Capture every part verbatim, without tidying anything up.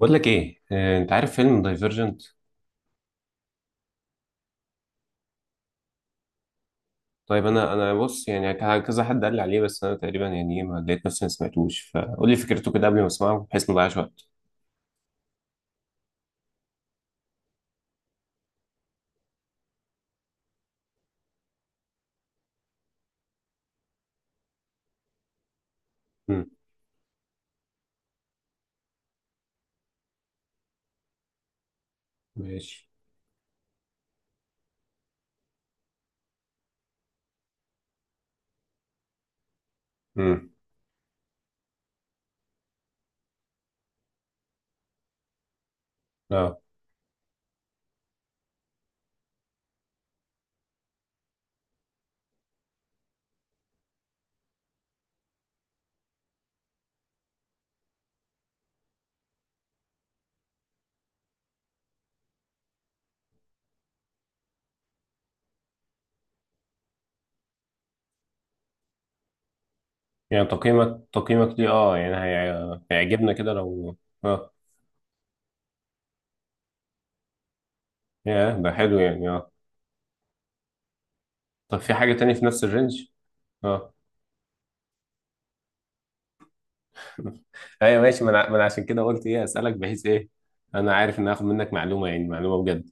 بقول لك ايه آه، انت عارف فيلم دايفرجنت؟ طيب انا انا بص يعني ك- كذا حد قال لي عليه، بس انا تقريبا يعني ايه ما لقيت نفسي ما سمعتوش. فقول لي فكرته كده قبل ما اسمعه بحيث ما اضيعش وقت. امم. ماشي. امم. اه. يعني تقييمك تقييمك ليه؟ اه يعني هي- هيعجبنا كده لو... اه، يا ده حلو يعني، اه. طب في حاجة تانية في نفس الرينج؟ اه. ايوه ماشي، ما انا ما أنا عشان كده قلت ايه اسالك، بحيث ايه. انا عارف ان هاخد منك معلومه، يعني معلومه بجد.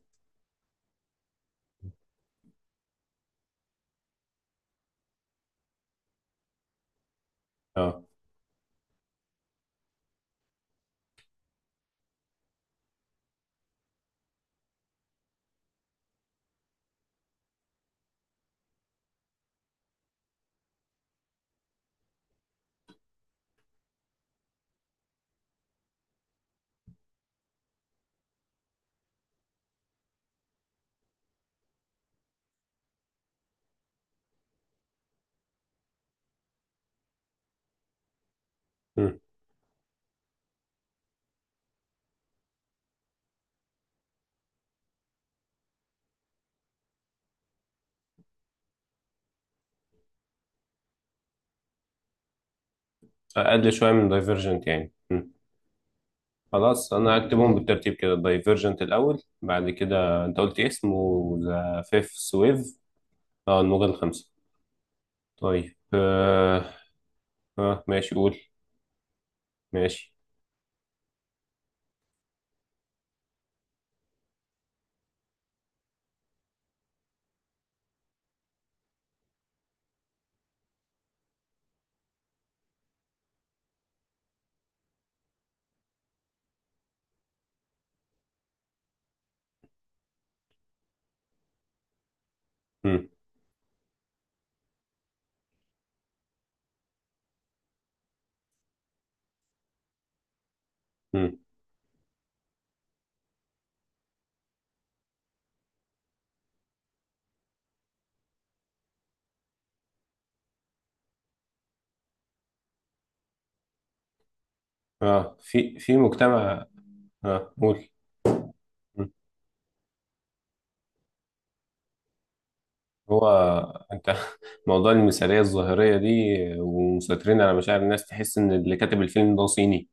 اه. مم. اقل شويه من دايفرجنت يعني. مم. خلاص، انا هكتبهم بالترتيب كده. دايفرجنت الاول، بعد كده انت قلت إيه اسمه؟ ذا فيف سويف. اه، الموجة الخامسة. طيب اه. آه. ماشي، قول. ماشي. مم. مم. اه، في في مجتمع. اه، قول. هو انت موضوع المثاليه الظاهريه دي، ومسيطرين على مشاعر الناس، تحس ان اللي كاتب الفيلم ده صيني.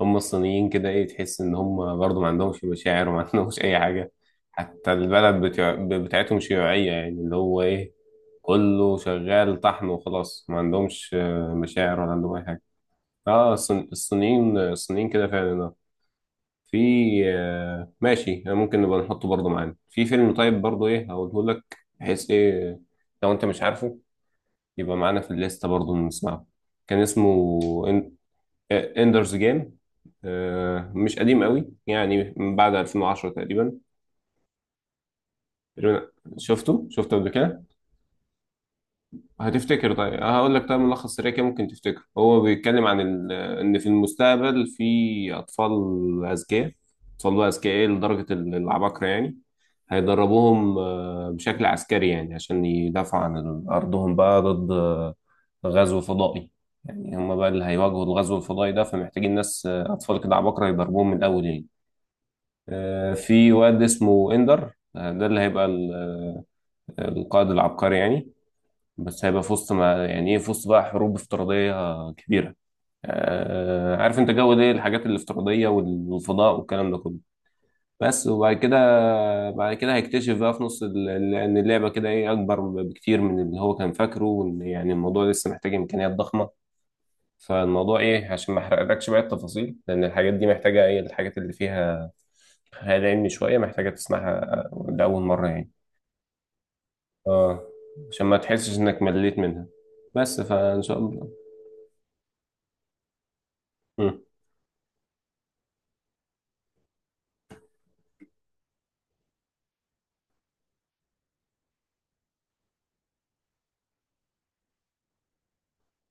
هم الصينيين كده، ايه، تحس ان هم برضو ما عندهمش مشاعر وما عندهمش اي حاجه. حتى البلد بتاع... بتاعتهم شيوعيه، يعني اللي هو ايه، كله شغال طحن وخلاص، ما عندهمش آه، مشاعر ولا عندهم اي حاجه. اه، الصين- الصينيين الصينيين كده فعلا، اه. في. آه، ماشي، آه، ممكن نبقى نحطه برضه معانا في فيلم طيب برضه ايه هقوله لك، بحيث ايه، لو انت مش عارفه يبقى معانا في الليسته برضو نسمعه. كان اسمه اندرز جيم. مش قديم قوي يعني، من بعد ألفين وعشرة تقريبا. تقريباً. شفته شفته قبل كده. هتفتكر؟ طيب هقول لك، طيب ملخص سريع كده ممكن تفتكر. هو بيتكلم عن ال... ان في المستقبل في اطفال اذكياء. اطفال بقى اذكياء إيه؟ لدرجه ال- العباقره يعني. هيدربوهم آه، بشكل عسكري يعني، عشان يدافعوا عن ال- ارضهم بقى ضد آه، غزو فضائي. يعني هم بقى اللي هيواجهوا الغزو الفضائي ده، فمحتاجين ناس، آه، اطفال كده عباقره، يدربوهم من الاول يعني. آه، في واد اسمه اندر، آه، ده اللي هيبقى ال- آه، القائد العبقري يعني. بس هيبقى في وسط، ما يعني ايه، في وسط بقى حروب افتراضية كبيرة. آه عارف انت جو ده، الحاجات الافتراضية والفضاء والكلام ده كله. بس، وبعد كده بعد كده هيكتشف بقى في نص ال- ال- ان اللعبة كده ايه اكبر بكتير من اللي هو كان فاكره، وان يعني الموضوع لسه محتاج امكانيات ضخمة. فالموضوع ايه، عشان ما احرقلكش بقى التفاصيل، لان الحاجات دي محتاجة ايه، الحاجات اللي فيها خيال علمي شوية محتاجة تسمعها لأول مرة يعني. اه، عشان ما تحسش انك مليت منها، بس فان شاء الله. مم.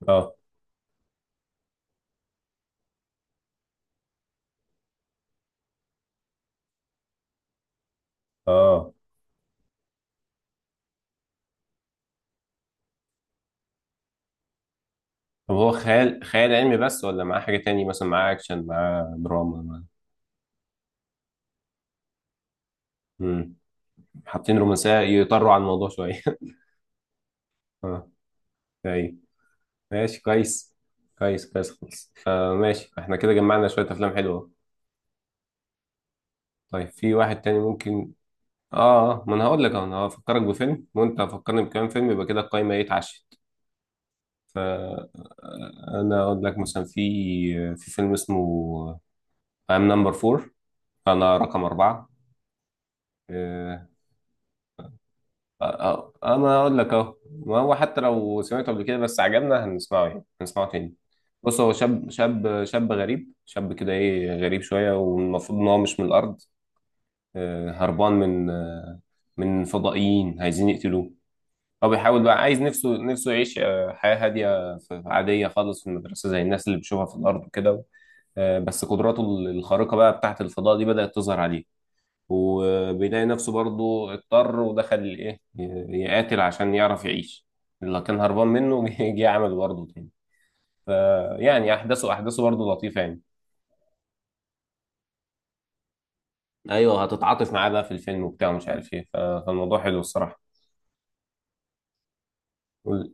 اه، اه. طب هو خيال خيال علمي بس، ولا معاه حاجة تاني؟ مثلا معاه أكشن، معاه دراما، معاه... مم. حاطين رومانسية يطروا عن الموضوع شوية. اه. أيوة. ماشي كويس. كويس كويس خالص. آه ماشي، احنا كده جمعنا شوية أفلام حلوة. طيب في واحد تاني ممكن؟ اه. آه، ما أنا هقول لك أهو، أنا هفكرك بفيلم وأنت هتفكرني بكام فيلم، يبقى كده القايمة، إيه، اتعشت. فأنا أقول لك مثلا في آه، في فيلم اسمه I'm number four. أنا رقم أربعة. آه، أه أه أنا أقول لك أهو، ما هو حتى لو سمعته قبل كده بس عجبنا هنسمعه، يعني هنسمعه تاني. بص، هو شاب شاب شاب غريب شاب كده إيه غريب شوية، والمفروض إن هو مش من الأرض، آه، هربان من آه، من فضائيين عايزين يقتلوه. هو بيحاول بقى، عايز نفسه نفسه يعيش آه، حياة هادية، ف- عادية خالص في المدرسة، زي الناس اللي بيشوفها في الأرض وكده. آه، بس قدراته الخارقة بقى بتاعت الفضاء دي بدأت تظهر عليه، وبيلاقي نفسه برضه اضطر ودخل الايه، ي- يقاتل عشان يعرف يعيش. اللي كان هربان منه جه جه عمل برضه تاني. فيعني احداثه احداثه برضه لطيفه يعني. ايوه، هتتعاطف معاه بقى في الفيلم وبتاع ومش عارف ايه، ف- فالموضوع حلو الصراحه. قول.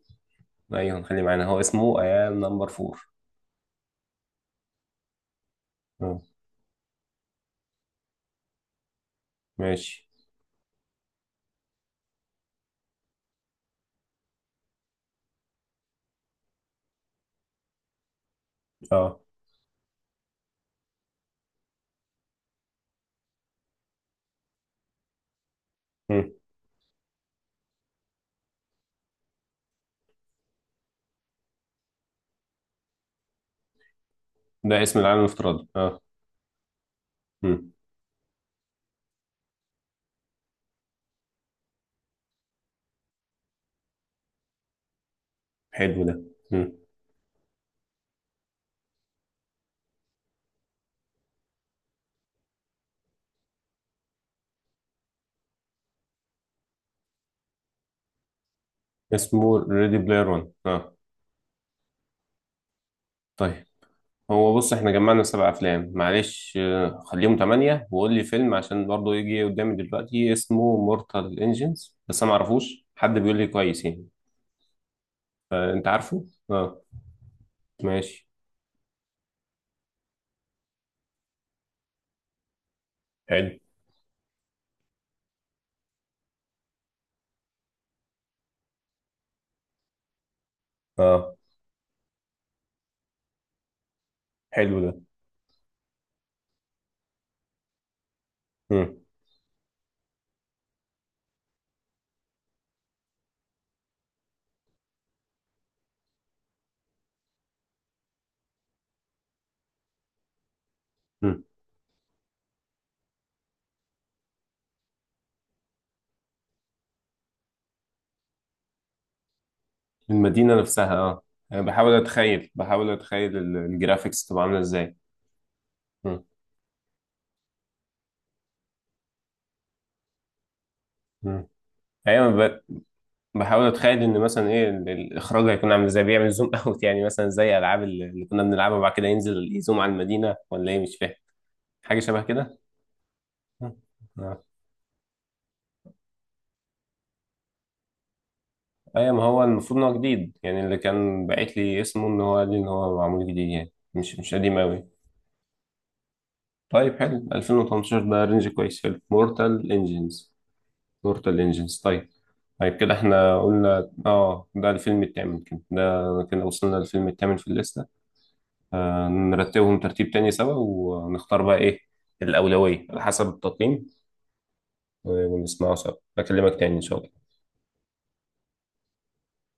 ايوه، نخليه معانا. هو اسمه ايام نمبر فور. اه. ماشي. اه. مم. ده اسم العالم الافتراضي، اه. مم. حلو ده. مم. اسمه ريدي بلاير وان، اه. طيب، هو بص احنا جمعنا سبع افلام، معلش آه، خليهم تمانية. وقول لي فيلم، عشان برضه يجي قدامي دلوقتي اسمه مورتال انجنز، بس انا معرفوش حد بيقول لي كويس يعني. فانت عارفه. اه. ماشي. حلو. اه. حلو ده. مم. مم. المدينة نفسها، اه. انا بحاول اتخيل بحاول اتخيل ال- الجرافيكس تبقى عاملة ازاي. مم. مم. ايوه، ب- بحاول اتخيل ان مثلا ايه ال- الاخراج هيكون عامل ازاي، بيعمل زوم اوت يعني، مثلا زي العاب اللي اللي كنا بنلعبها وبعد كده ينزل يزوم على المدينة ولا ايه، مش فاهم. حاجة شبه كده. آه. ايوه، ما هو المفروض ان هو جديد يعني. اللي كان باعت لي اسمه ان هو قال لي ان هو معمول جديد يعني، مش مش قديم قوي. طيب، حلو. ألفين وثمانية عشر ده رينج كويس. حلو، مورتال انجنز. مورتال انجنز، طيب. طيب كده، احنا قلنا اه ده الفيلم التامن كده، ده كده وصلنا للفيلم التامن في الليستة. آه نرتبهم ترتيب تاني سوا ونختار بقى ايه الأولوية على حسب التقييم. ونسمعه سوا، بكلمك تاني ان شاء الله.